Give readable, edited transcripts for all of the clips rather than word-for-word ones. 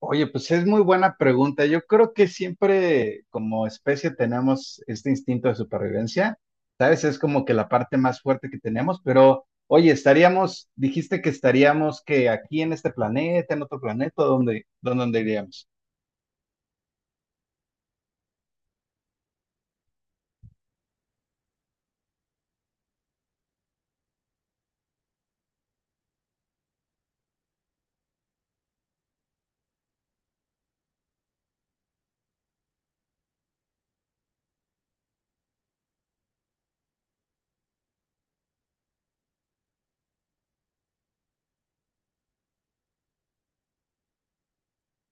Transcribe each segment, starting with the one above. Oye, pues es muy buena pregunta. Yo creo que siempre como especie tenemos este instinto de supervivencia, ¿sabes? Es como que la parte más fuerte que tenemos, pero oye, estaríamos, dijiste que estaríamos que aquí en este planeta, en otro planeta, ¿dónde iríamos?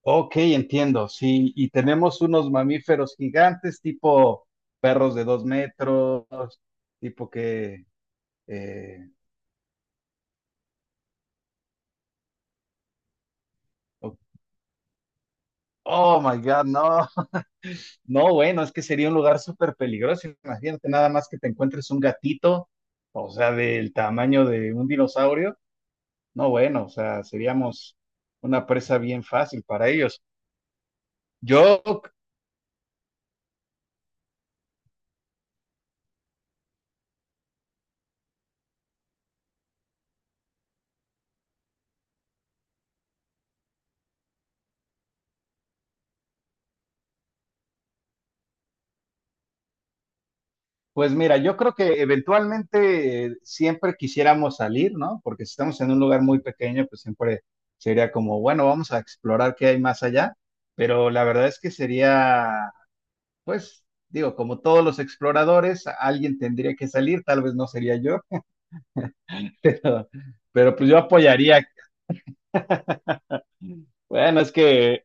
Ok, entiendo, sí, y tenemos unos mamíferos gigantes tipo perros de 2 metros, tipo que... eh, oh oh my God. No, no, bueno, es que sería un lugar súper peligroso. Imagínate nada más que te encuentres un gatito, o sea, del tamaño de un dinosaurio. No, bueno, o sea, seríamos una presa bien fácil para ellos. Yo, pues mira, yo creo que eventualmente siempre quisiéramos salir, ¿no? Porque si estamos en un lugar muy pequeño, pues siempre sería como, bueno, vamos a explorar qué hay más allá. Pero la verdad es que sería, pues, digo, como todos los exploradores, alguien tendría que salir, tal vez no sería yo. Pero, pero pues yo apoyaría. Bueno, es que,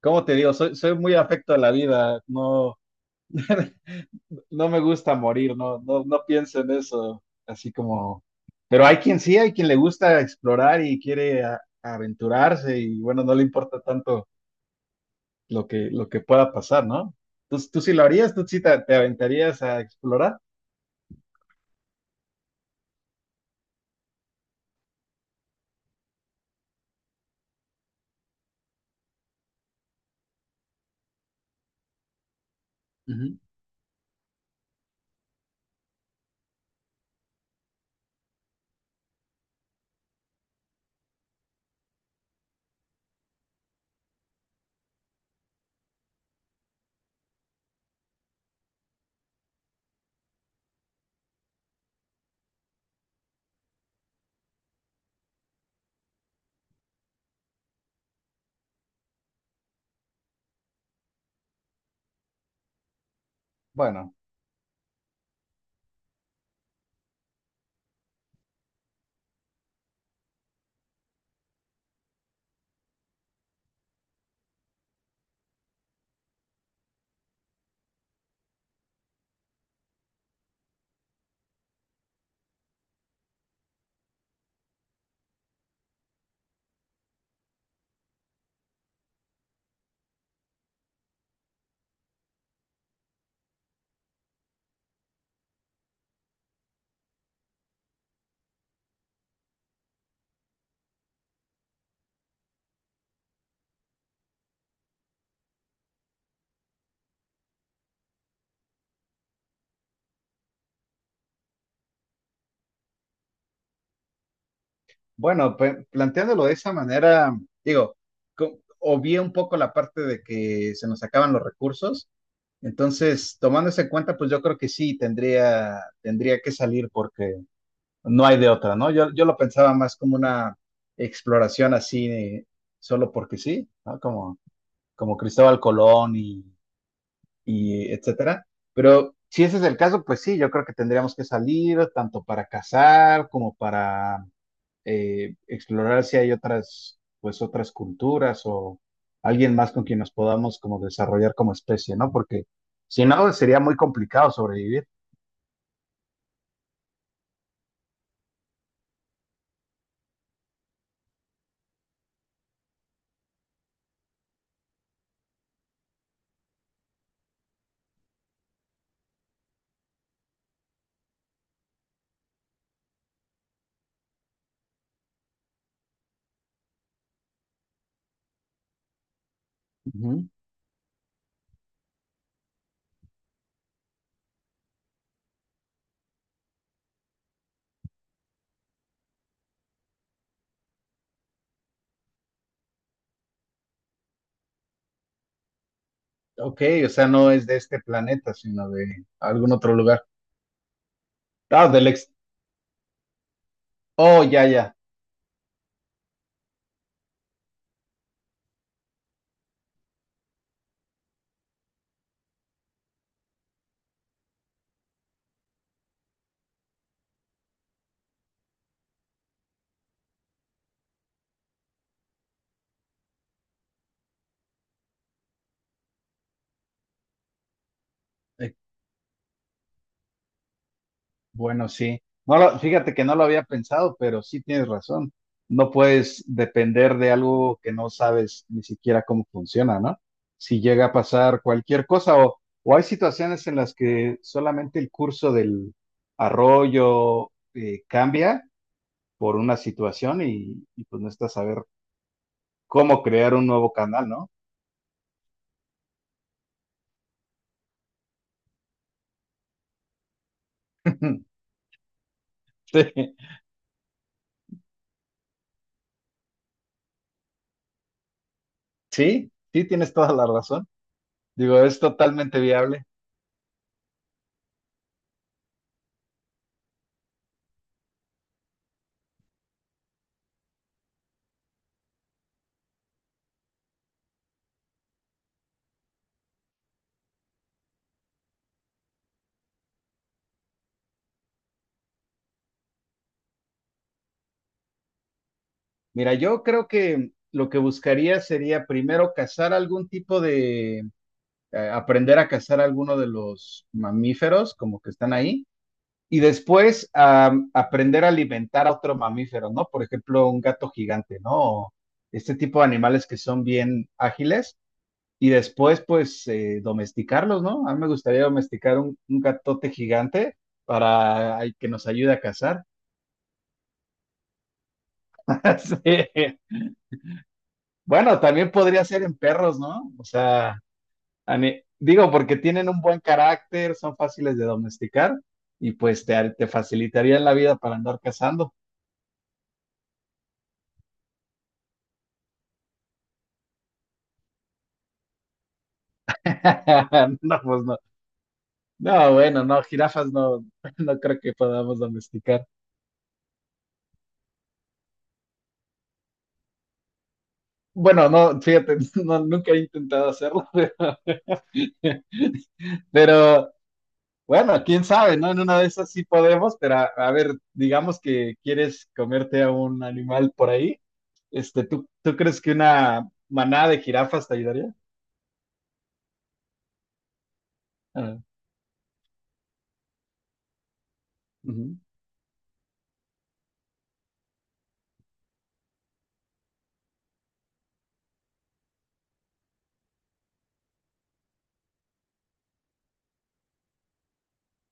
como te digo? Soy muy afecto a la vida. No, no me gusta morir, no, no, no pienso en eso. Así como. Pero hay quien sí, hay quien le gusta explorar y quiere aventurarse y bueno, no le importa tanto lo que pueda pasar, ¿no? Tú, ¿tú sí lo harías? ¿Tú sí te aventarías a explorar? Ujú. Bueno. Bueno, planteándolo de esa manera, digo, obvié un poco la parte de que se nos acaban los recursos. Entonces, tomando eso en cuenta, pues yo creo que sí tendría que salir porque no hay de otra, ¿no? Yo lo pensaba más como una exploración así, solo porque sí, ¿no? Como Cristóbal Colón y etcétera. Pero si ese es el caso, pues sí, yo creo que tendríamos que salir tanto para cazar como para explorar si hay otras, pues otras culturas o alguien más con quien nos podamos como desarrollar como especie, ¿no? Porque si no, sería muy complicado sobrevivir. Ujú. Ok, o sea, no es de este planeta, sino de algún otro lugar. Ah, del ex. Oh, ya, ya. Bueno, sí. Fíjate que no lo había pensado, pero sí tienes razón. No puedes depender de algo que no sabes ni siquiera cómo funciona, ¿no? Si llega a pasar cualquier cosa o hay situaciones en las que solamente el curso del arroyo cambia por una situación y pues no estás a ver cómo crear un nuevo canal, ¿no? Sí, sí, tienes toda la razón. Digo, es totalmente viable. Mira, yo creo que lo que buscaría sería primero cazar algún tipo de, aprender a cazar alguno de los mamíferos como que están ahí y después aprender a alimentar a otro mamífero, ¿no? Por ejemplo, un gato gigante, ¿no? O este tipo de animales que son bien ágiles y después pues domesticarlos, ¿no? A mí me gustaría domesticar un gatote gigante para ay, que nos ayude a cazar. Sí. Bueno, también podría ser en perros, ¿no? O sea... A digo, porque tienen un buen carácter, son fáciles de domesticar y pues te facilitarían la vida para andar cazando. No, pues no. No, bueno, no, jirafas no, no creo que podamos domesticar. Bueno, no, fíjate, no, nunca he intentado hacerlo, pero, bueno, quién sabe, ¿no? En una de esas sí podemos, pero a ver, digamos que quieres comerte a un animal por ahí, este, ¿tú, tú crees que una manada de jirafas te ayudaría? Ah, ujú,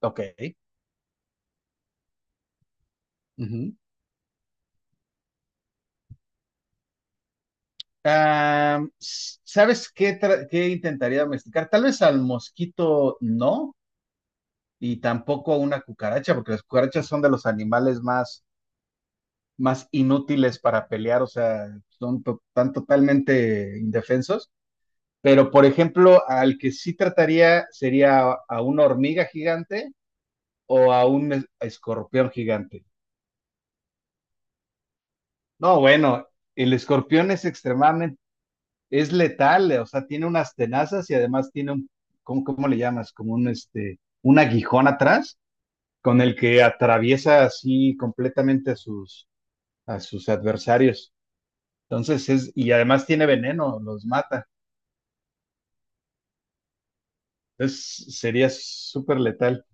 ok. Ujú. Ah, sabes qué, qué intentaría domesticar? Tal vez al mosquito no, y tampoco a una cucaracha, porque las cucarachas son de los animales más, más inútiles para pelear, o sea, son tan totalmente indefensos. Pero, por ejemplo, al que sí trataría sería a una hormiga gigante o a un escorpión gigante. No, bueno, el escorpión es extremadamente es letal, o sea, tiene unas tenazas y además tiene un, cómo le llamas? Como un, este, un aguijón atrás con el que atraviesa así completamente a sus adversarios. Entonces es, y además tiene veneno, los mata. Entonces sería súper letal.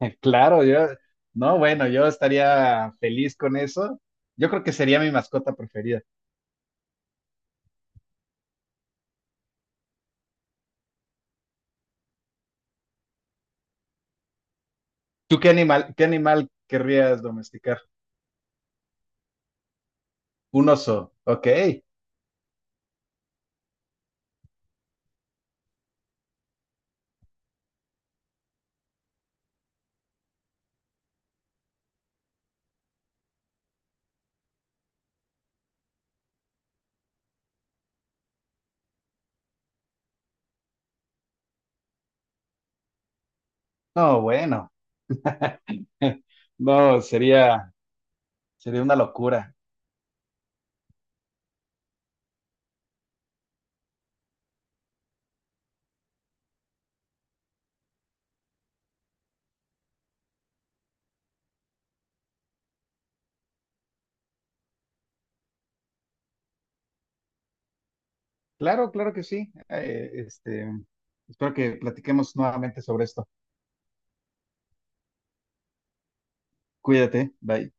Claro, yo, no, bueno, yo estaría feliz con eso. Yo creo que sería mi mascota preferida. ¿Tú qué animal querrías domesticar? Un oso, ok. No, bueno, no, sería, sería una locura. Claro, claro que sí. Este, espero que platiquemos nuevamente sobre esto. Cuídate, bye.